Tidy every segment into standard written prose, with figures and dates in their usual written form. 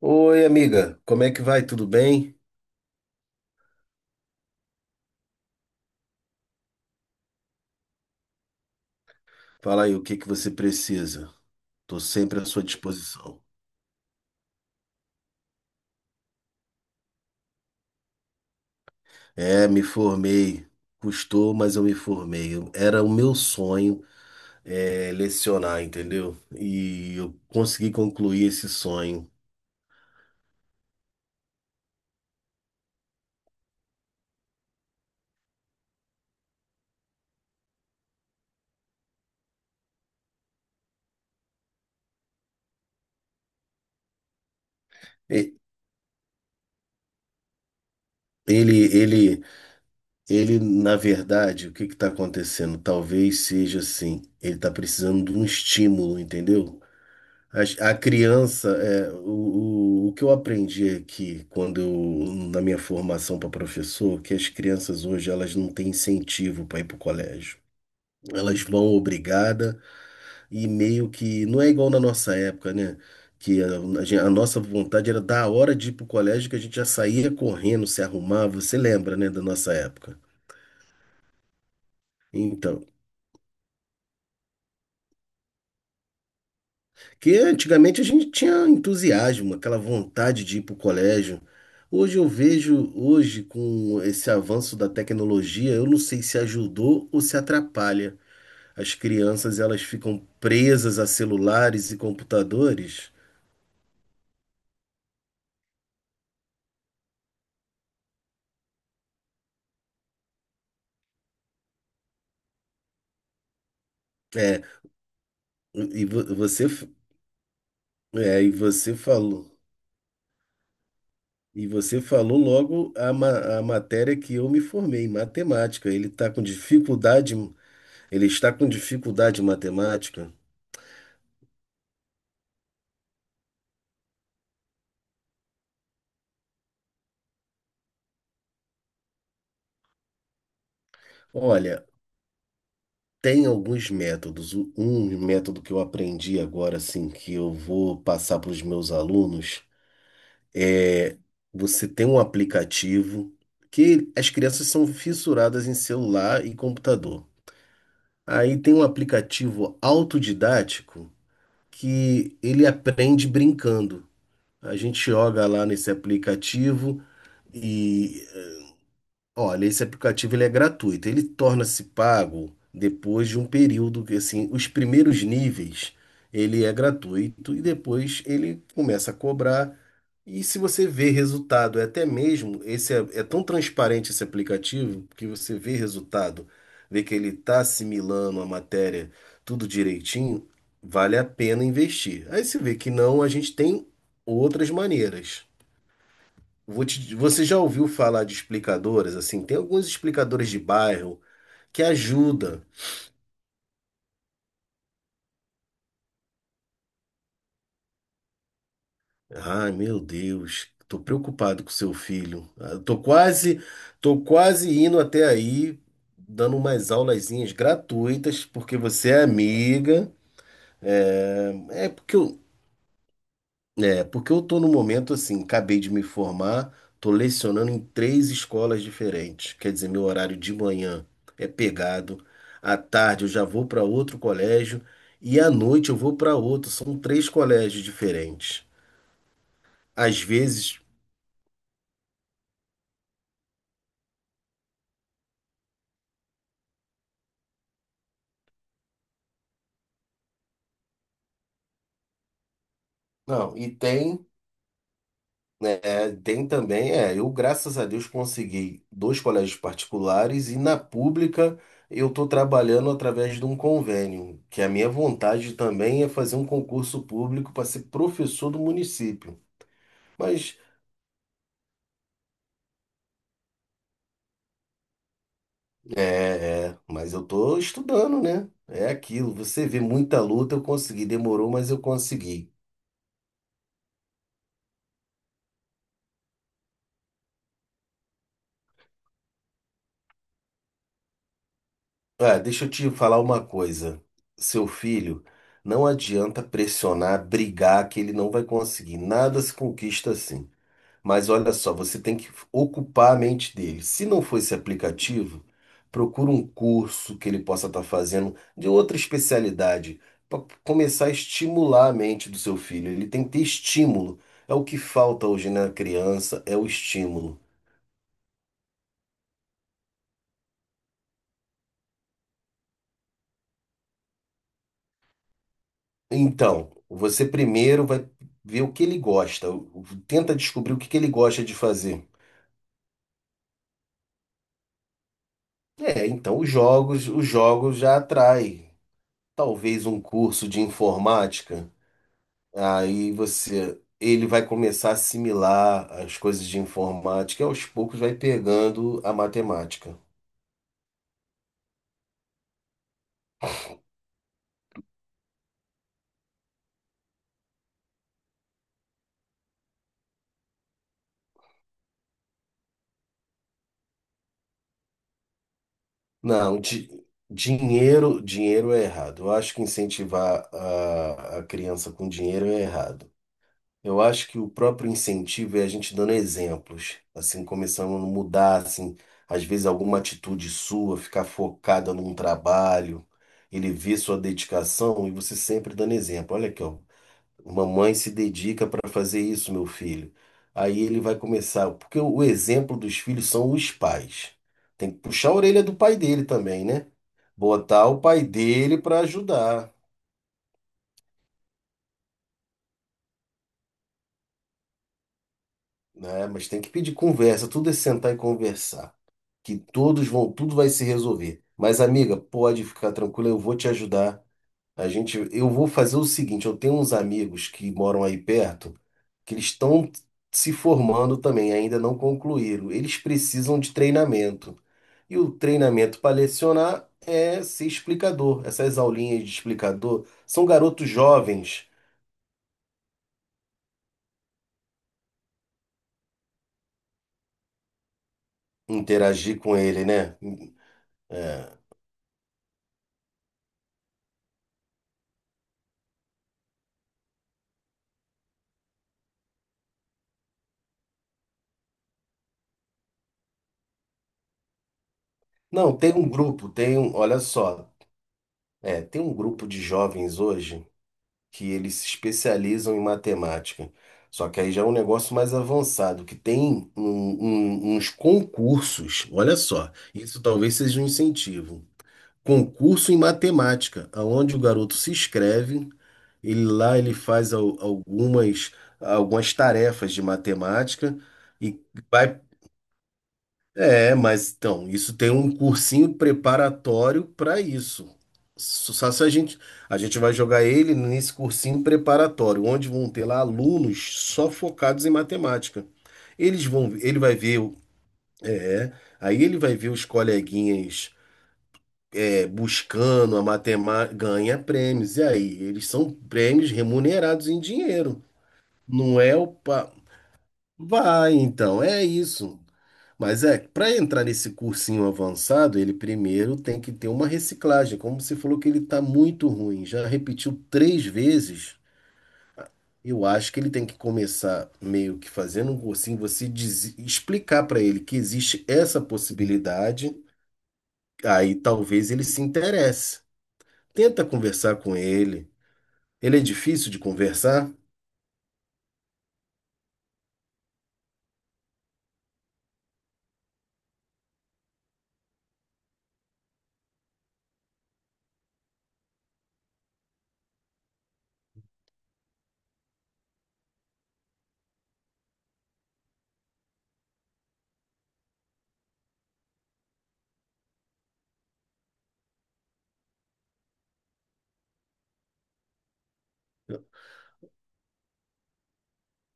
Oi, amiga, como é que vai? Tudo bem? Fala aí, o que que você precisa? Tô sempre à sua disposição. É, me formei. Custou, mas eu me formei. Era o meu sonho, lecionar, entendeu? E eu consegui concluir esse sonho. E- Ele, ele, ele, na verdade, o que que tá acontecendo? Talvez seja assim. Ele tá precisando de um estímulo, entendeu? A criança, o que eu aprendi aqui na minha formação para professor, que as crianças hoje elas não têm incentivo para ir para o colégio. Elas vão obrigada e meio que não é igual na nossa época, né? Que a gen- A nossa vontade era da hora de ir para o colégio que a gente já saía correndo, se arrumava. Você lembra, né, da nossa época? Então, porque antigamente a gente tinha entusiasmo, aquela vontade de ir para o colégio. Hoje eu vejo, hoje com esse avanço da tecnologia, eu não sei se ajudou ou se atrapalha. As crianças, elas ficam presas a celulares e computadores. É, e vo- você, f- e você falou, e você falou logo a matéria que eu me formei, matemática. Ele está com dificuldade, ele está com dificuldade em matemática. Olha, tem alguns métodos. Um método que eu aprendi agora, assim, que eu vou passar para os meus alunos é você tem um aplicativo, que as crianças são fissuradas em celular e computador. Aí tem um aplicativo autodidático que ele aprende brincando. A gente joga lá nesse aplicativo. Olha, esse aplicativo ele é gratuito. Ele torna-se pago depois de um período, que assim, os primeiros níveis ele é gratuito e depois ele começa a cobrar. E se você vê resultado, é até mesmo esse é tão transparente esse aplicativo que você vê resultado, vê que ele está assimilando a matéria tudo direitinho, vale a pena investir. Aí se vê que não, a gente tem outras maneiras. Você já ouviu falar de explicadoras? Assim, tem alguns explicadores de bairro que ajudam. Ai, meu Deus, tô preocupado com seu filho. Ah, tô quase, tô quase indo até aí, dando umas aulazinhas gratuitas, porque você é amiga. É, é porque eu, É porque eu tô num momento assim, acabei de me formar, tô lecionando em três escolas diferentes. Quer dizer, meu horário de manhã é pegado, à tarde eu já vou para outro colégio e à noite eu vou para outro. São três colégios diferentes. Às vezes, não, e tem tem também, eu graças a Deus consegui dois colégios particulares, e na pública eu estou trabalhando através de um convênio, que a minha vontade também é fazer um concurso público para ser professor do município. Mas mas eu estou estudando, né? É aquilo, você vê muita luta, eu consegui, demorou, mas eu consegui. Ah, deixa eu te falar uma coisa, seu filho. Não adianta pressionar, brigar, que ele não vai conseguir. Nada se conquista assim. Mas olha só, você tem que ocupar a mente dele. Se não for esse aplicativo, procura um curso que ele possa estar fazendo de outra especialidade, para começar a estimular a mente do seu filho. Ele tem que ter estímulo. É o que falta hoje na criança, é o estímulo. Então, você primeiro vai ver o que ele gosta, tenta descobrir o que que ele gosta de fazer. É, então os jogos já atrai. Talvez um curso de informática. Ele vai começar a assimilar as coisas de informática e aos poucos vai pegando a matemática. Não, di- Dinheiro é errado. Eu acho que incentivar a criança com dinheiro é errado. Eu acho que o próprio incentivo é a gente dando exemplos, assim, começando a mudar, assim, às vezes alguma atitude sua, ficar focada num trabalho, ele vê sua dedicação e você sempre dando exemplo. Olha aqui, ó. Uma mãe se dedica para fazer isso, meu filho. Aí ele vai começar, porque o exemplo dos filhos são os pais. Tem que puxar a orelha do pai dele também, né? Botar o pai dele para ajudar, né? Mas tem que pedir conversa, tudo é sentar e conversar, que todos vão, tudo vai se resolver. Mas amiga, pode ficar tranquila, eu vou te ajudar. Eu vou fazer o seguinte, eu tenho uns amigos que moram aí perto, que eles estão se formando também, ainda não concluíram. Eles precisam de treinamento. E o treinamento para lecionar é ser explicador. Essas aulinhas de explicador são garotos jovens. Interagir com ele, né? É. Não, tem um grupo, tem um, olha só, tem um grupo de jovens hoje que eles se especializam em matemática. Só que aí já é um negócio mais avançado, que tem uns concursos, olha só, isso talvez seja um incentivo. Concurso em matemática, aonde o garoto se inscreve, ele faz algumas, algumas tarefas de matemática e vai mas então, isso tem um cursinho preparatório para isso. Só se a gente, a gente vai jogar ele nesse cursinho preparatório, onde vão ter lá alunos só focados em matemática. Ele vai ver, o- é, aí ele vai ver os coleguinhas, buscando a matemática, ganha prêmios. E aí, eles são prêmios remunerados em dinheiro. Não é o pa... Vai, então, é isso. Mas é, para entrar nesse cursinho avançado, ele primeiro tem que ter uma reciclagem. Como você falou que ele está muito ruim, já repetiu três vezes, eu acho que ele tem que começar meio que fazendo um cursinho, explicar para ele que existe essa possibilidade, aí talvez ele se interesse. Tenta conversar com ele. Ele é difícil de conversar,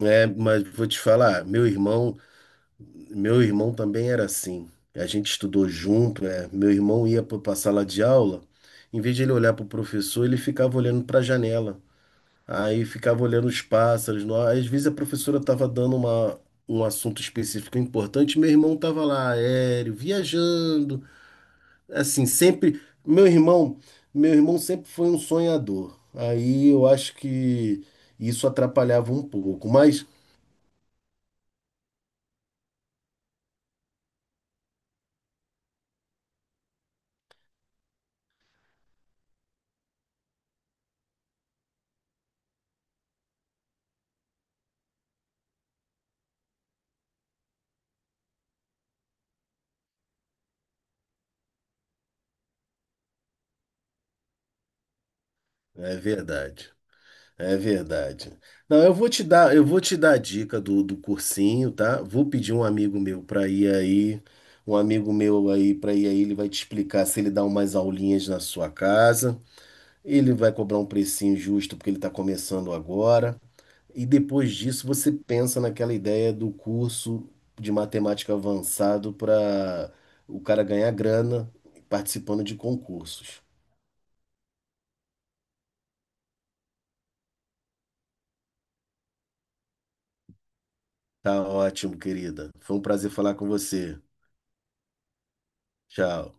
né, mas vou te falar, meu irmão. Meu irmão também era assim. A gente estudou junto, é. Meu irmão ia para a sala de aula, em vez de ele olhar para o professor, ele ficava olhando para a janela. Aí ficava olhando os pássaros. No Às vezes a professora estava dando um assunto específico importante, meu irmão estava lá, aéreo, viajando. Assim, sempre. Meu irmão, meu irmão sempre foi um sonhador. Aí eu acho que isso atrapalhava um pouco, mas é verdade. É verdade. Não, eu vou te dar, eu vou te dar a dica do cursinho, tá? Vou pedir um amigo meu para ir aí, um amigo meu aí para ir aí, ele vai te explicar se ele dá umas aulinhas na sua casa. Ele vai cobrar um precinho justo porque ele está começando agora. E depois disso você pensa naquela ideia do curso de matemática avançado para o cara ganhar grana participando de concursos. Tá ótimo, querida. Foi um prazer falar com você. Tchau.